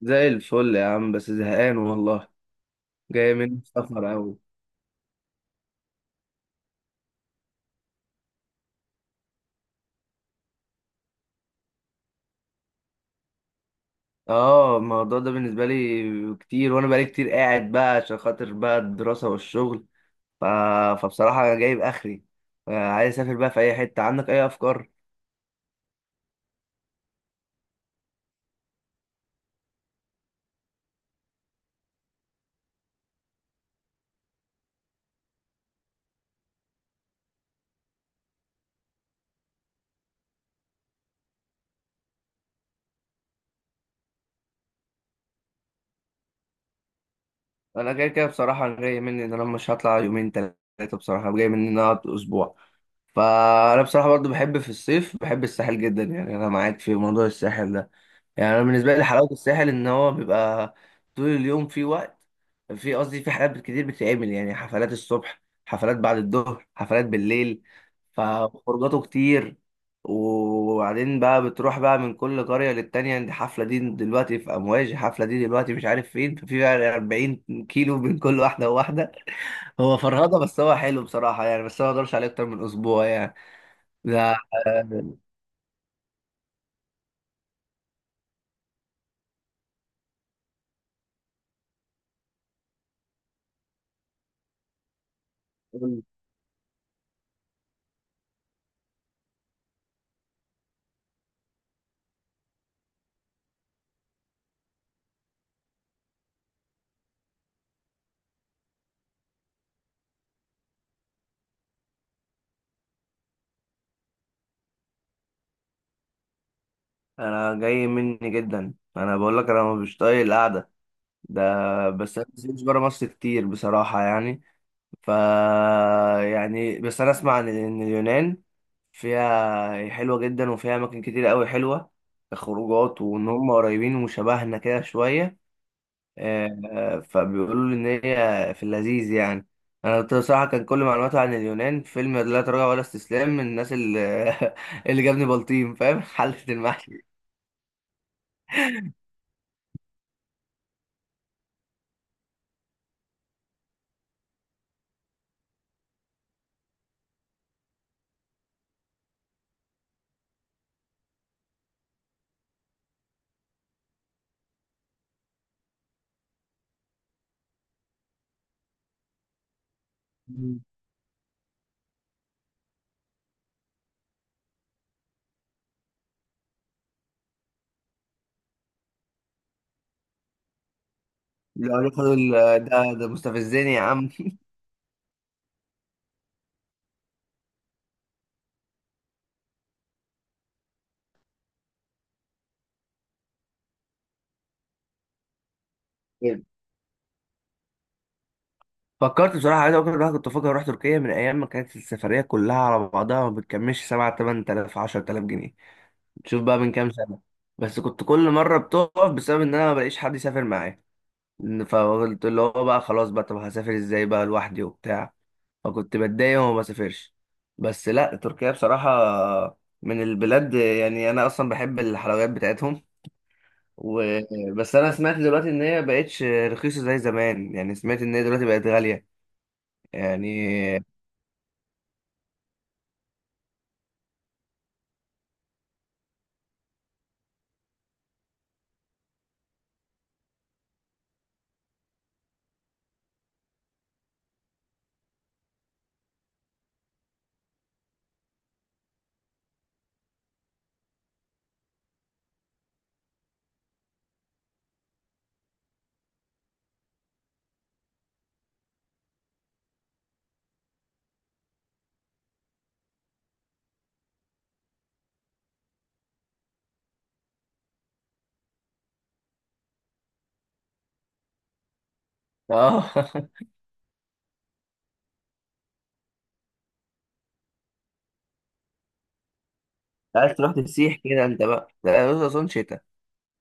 زي الفل يا عم، بس زهقان والله. جاي من السفر أوي. اه، الموضوع ده بالنسبة لي كتير، وأنا بقالي كتير قاعد بقى عشان خاطر بقى الدراسة والشغل. ف... فبصراحة أنا جايب آخري. عايز أسافر بقى في أي حتة، عندك أي أفكار؟ أنا كده كده بصراحة جاي مني إن أنا مش هطلع يومين تلاتة، بصراحة جاي مني إن أنا أقعد أسبوع. فأنا بصراحة برضو بحب في الصيف، بحب الساحل جدا، يعني أنا معاك في موضوع الساحل ده. يعني انا بالنسبه لي حلاوه الساحل ان هو بيبقى طول اليوم في وقت، في قصدي في حاجات كتير بتتعمل، يعني حفلات الصبح، حفلات بعد الظهر، حفلات بالليل، فخروجاته كتير. وبعدين بقى بتروح بقى من كل قريه للتانيه، دي حفله دي دلوقتي في امواج، حفله دي دلوقتي مش عارف فين، ففي بقى 40 كيلو بين كل واحده وواحده. هو فرهضه بس هو حلو بصراحه، يعني بس أنا ما اقدرش عليه اكتر من اسبوع يعني. ده انا جاي مني جدا، انا بقول لك انا مش طايق القعده ده بس انا مش بره مصر كتير بصراحه يعني. ف يعني بس انا اسمع إن اليونان فيها حلوه جدا، وفيها اماكن كتير قوي حلوه كخروجات، وان هم قريبين وشبهنا كده شويه. فبيقولوا لي ان هي في اللذيذ يعني. انا بصراحه كان كل معلوماتي عن اليونان فيلم لا تراجع ولا استسلام، من الناس اللي اللي جابني بلطيم فاهم حلت المحشي. لا يا خالد، ده مستفزني يا عم فكرت بصراحة، عايز أقول لك إن أنا كنت فاكر أروح تركيا من أيام ما كانت السفرية كلها على بعضها ما بتكملش سبعة تمن تلاف عشرة تلاف جنيه. شوف بقى من كام سنة. بس كنت كل مرة بتقف بسبب إن أنا ما بلاقيش حد يسافر معايا، فقلت اللي هو بقى خلاص بقى، طب هسافر إزاي بقى لوحدي وبتاع، فكنت بتضايق وما بسافرش. بس لا تركيا بصراحة من البلاد، يعني أنا أصلا بحب الحلويات بتاعتهم. و... بس انا سمعت دلوقتي ان هي بقتش رخيصه زي زمان، يعني سمعت ان هي دلوقتي بقت غاليه يعني. اه عايز تروح تسيح كده انت بقى؟ لا، الأقصر أسوان شتاء.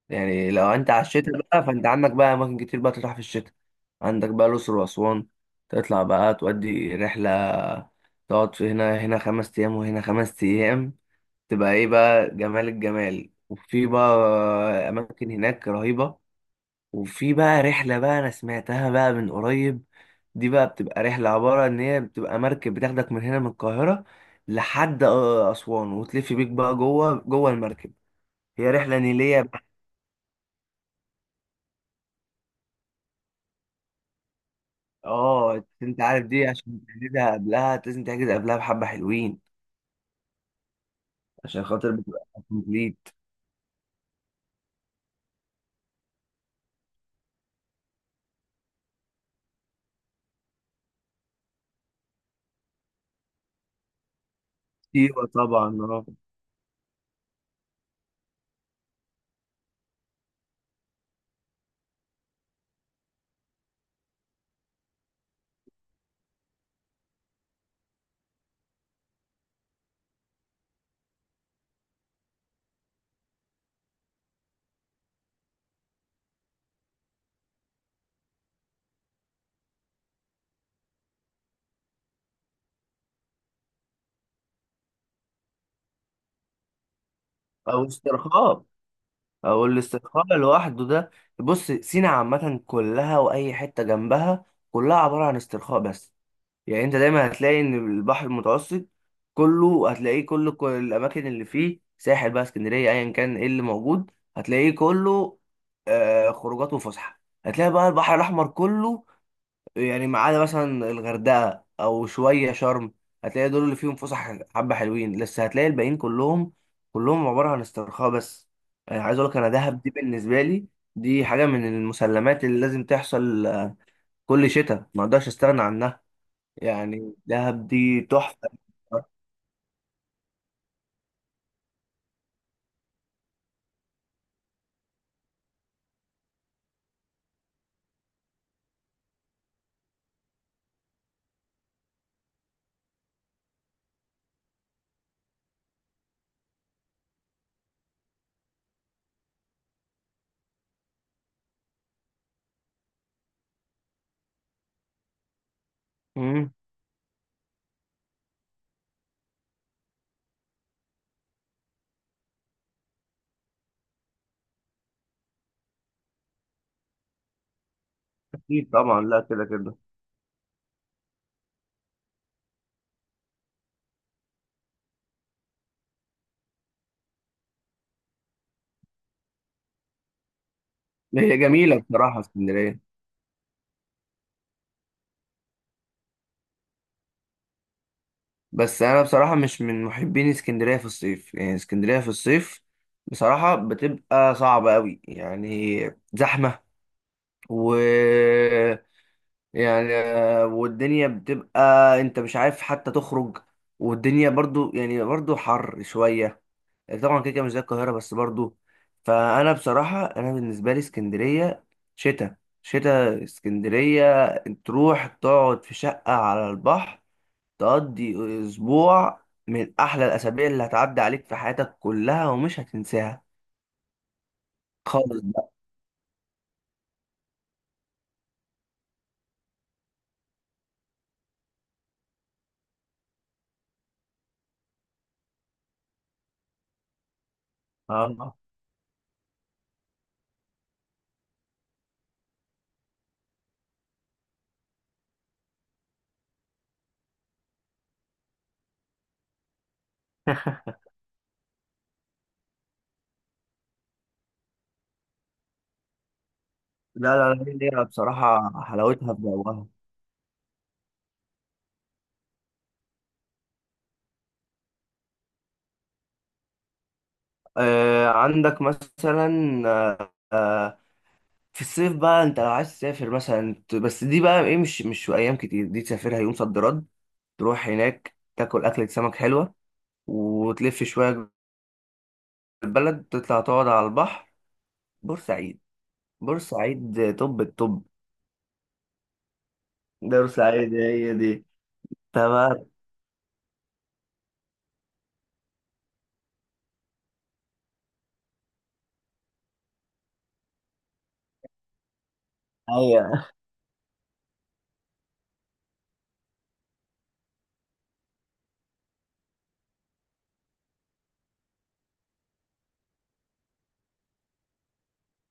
يعني لو انت على الشتاء بقى، فانت عندك بقى اماكن كتير بقى تروح في الشتاء. عندك بقى الاقصر واسوان، تطلع بقى تودي رحله، تقعد في هنا هنا خمس ايام وهنا خمس ايام، تبقى ايه بقى، جمال الجمال. وفي بقى اماكن هناك رهيبه. وفي بقى رحلة بقى أنا سمعتها بقى من قريب، دي بقى بتبقى رحلة عبارة إن هي بتبقى مركب بتاخدك من هنا من القاهرة لحد أسوان، وتلف بيك بقى جوه المركب. هي رحلة نيلية بقى. اه أنت عارف دي عشان تحجزها قبلها، لازم تحجز قبلها بحبة حلوين عشان خاطر بتبقى كومبليت. سيوة طبعا اه. أو استرخاء، أو الاسترخاء لوحده ده. بص، سينا عامة كلها وأي حتة جنبها كلها عبارة عن استرخاء بس. يعني انت دايما هتلاقي ان البحر المتوسط كله هتلاقيه، كل الاماكن اللي فيه ساحل بقى، اسكندريه ايا كان ايه اللي موجود هتلاقيه كله آه خروجات وفسحه. هتلاقي بقى البحر الاحمر كله، يعني ما عدا مثلا الغردقه او شويه شرم هتلاقي دول اللي فيهم فسح حبه حلوين، بس هتلاقي الباقيين كلهم كلهم عباره عن استرخاء بس. يعني عايز اقول لك انا دهب دي بالنسبه لي دي حاجه من المسلمات اللي لازم تحصل، كل شتاء ما اقدرش استغنى عنها. يعني دهب دي تحفة. مم. أكيد طبعا، لا كده كده. هي جميلة بصراحة اسكندرية، بس أنا بصراحة مش من محبين اسكندرية في الصيف. يعني اسكندرية في الصيف بصراحة بتبقى صعبة أوي يعني، زحمة، و، يعني والدنيا بتبقى، أنت مش عارف حتى تخرج. والدنيا برضو يعني برضو حر شوية، طبعا كده كده مش زي القاهرة بس برضو. فأنا بصراحة أنا بالنسبة لي اسكندرية شتاء، شتاء اسكندرية، تروح تقعد في شقة على البحر، تقضي أسبوع من أحلى الأسابيع اللي هتعدي عليك في حياتك كلها، ومش هتنساها خالص بقى. آه. لا لا لا، هي بصراحة حلاوتها في جوها. آه عندك مثلا، في الصيف بقى انت لو عايز تسافر مثلا بس دي بقى ايه، مش مش في ايام كتير، دي تسافرها يوم صد رد، تروح هناك تاكل أكلة سمك حلوة، وتلف شوية جوه البلد، تطلع تقعد على البحر. بورسعيد. بورسعيد طب الطب. ده بورسعيد هي دي. تمام. هي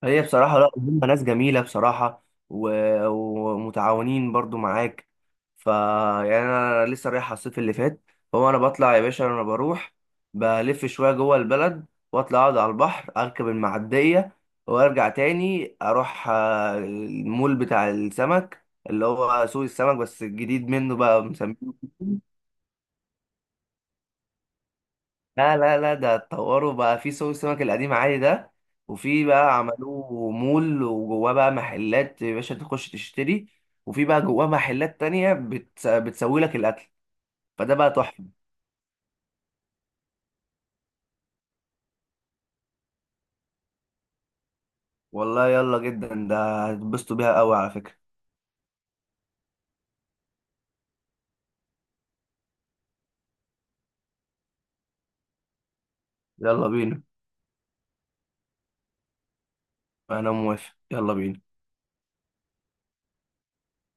هي بصراحة لا هم ناس جميلة بصراحة، و- ومتعاونين برضو معاك. ف يعني أنا لسه رايح على الصيف اللي فات، هو أنا بطلع يا باشا، أنا بروح بلف شوية جوه البلد، وأطلع أقعد على البحر، أركب المعدية، وأرجع تاني أروح المول بتاع السمك اللي هو سوق السمك، بس الجديد منه بقى مسمينه. لا لا لا، ده اتطوروا بقى في سوق السمك القديم عادي ده، وفي بقى عملوه مول وجواه بقى محلات يا باشا تخش تشتري، وفي بقى جواه محلات تانية بتسوي لك الأكل، فده بقى تحفة. والله يلا جدا، ده هتتبسطوا بيها قوي على فكرة. يلا بينا. أنا موافق، يلا بينا.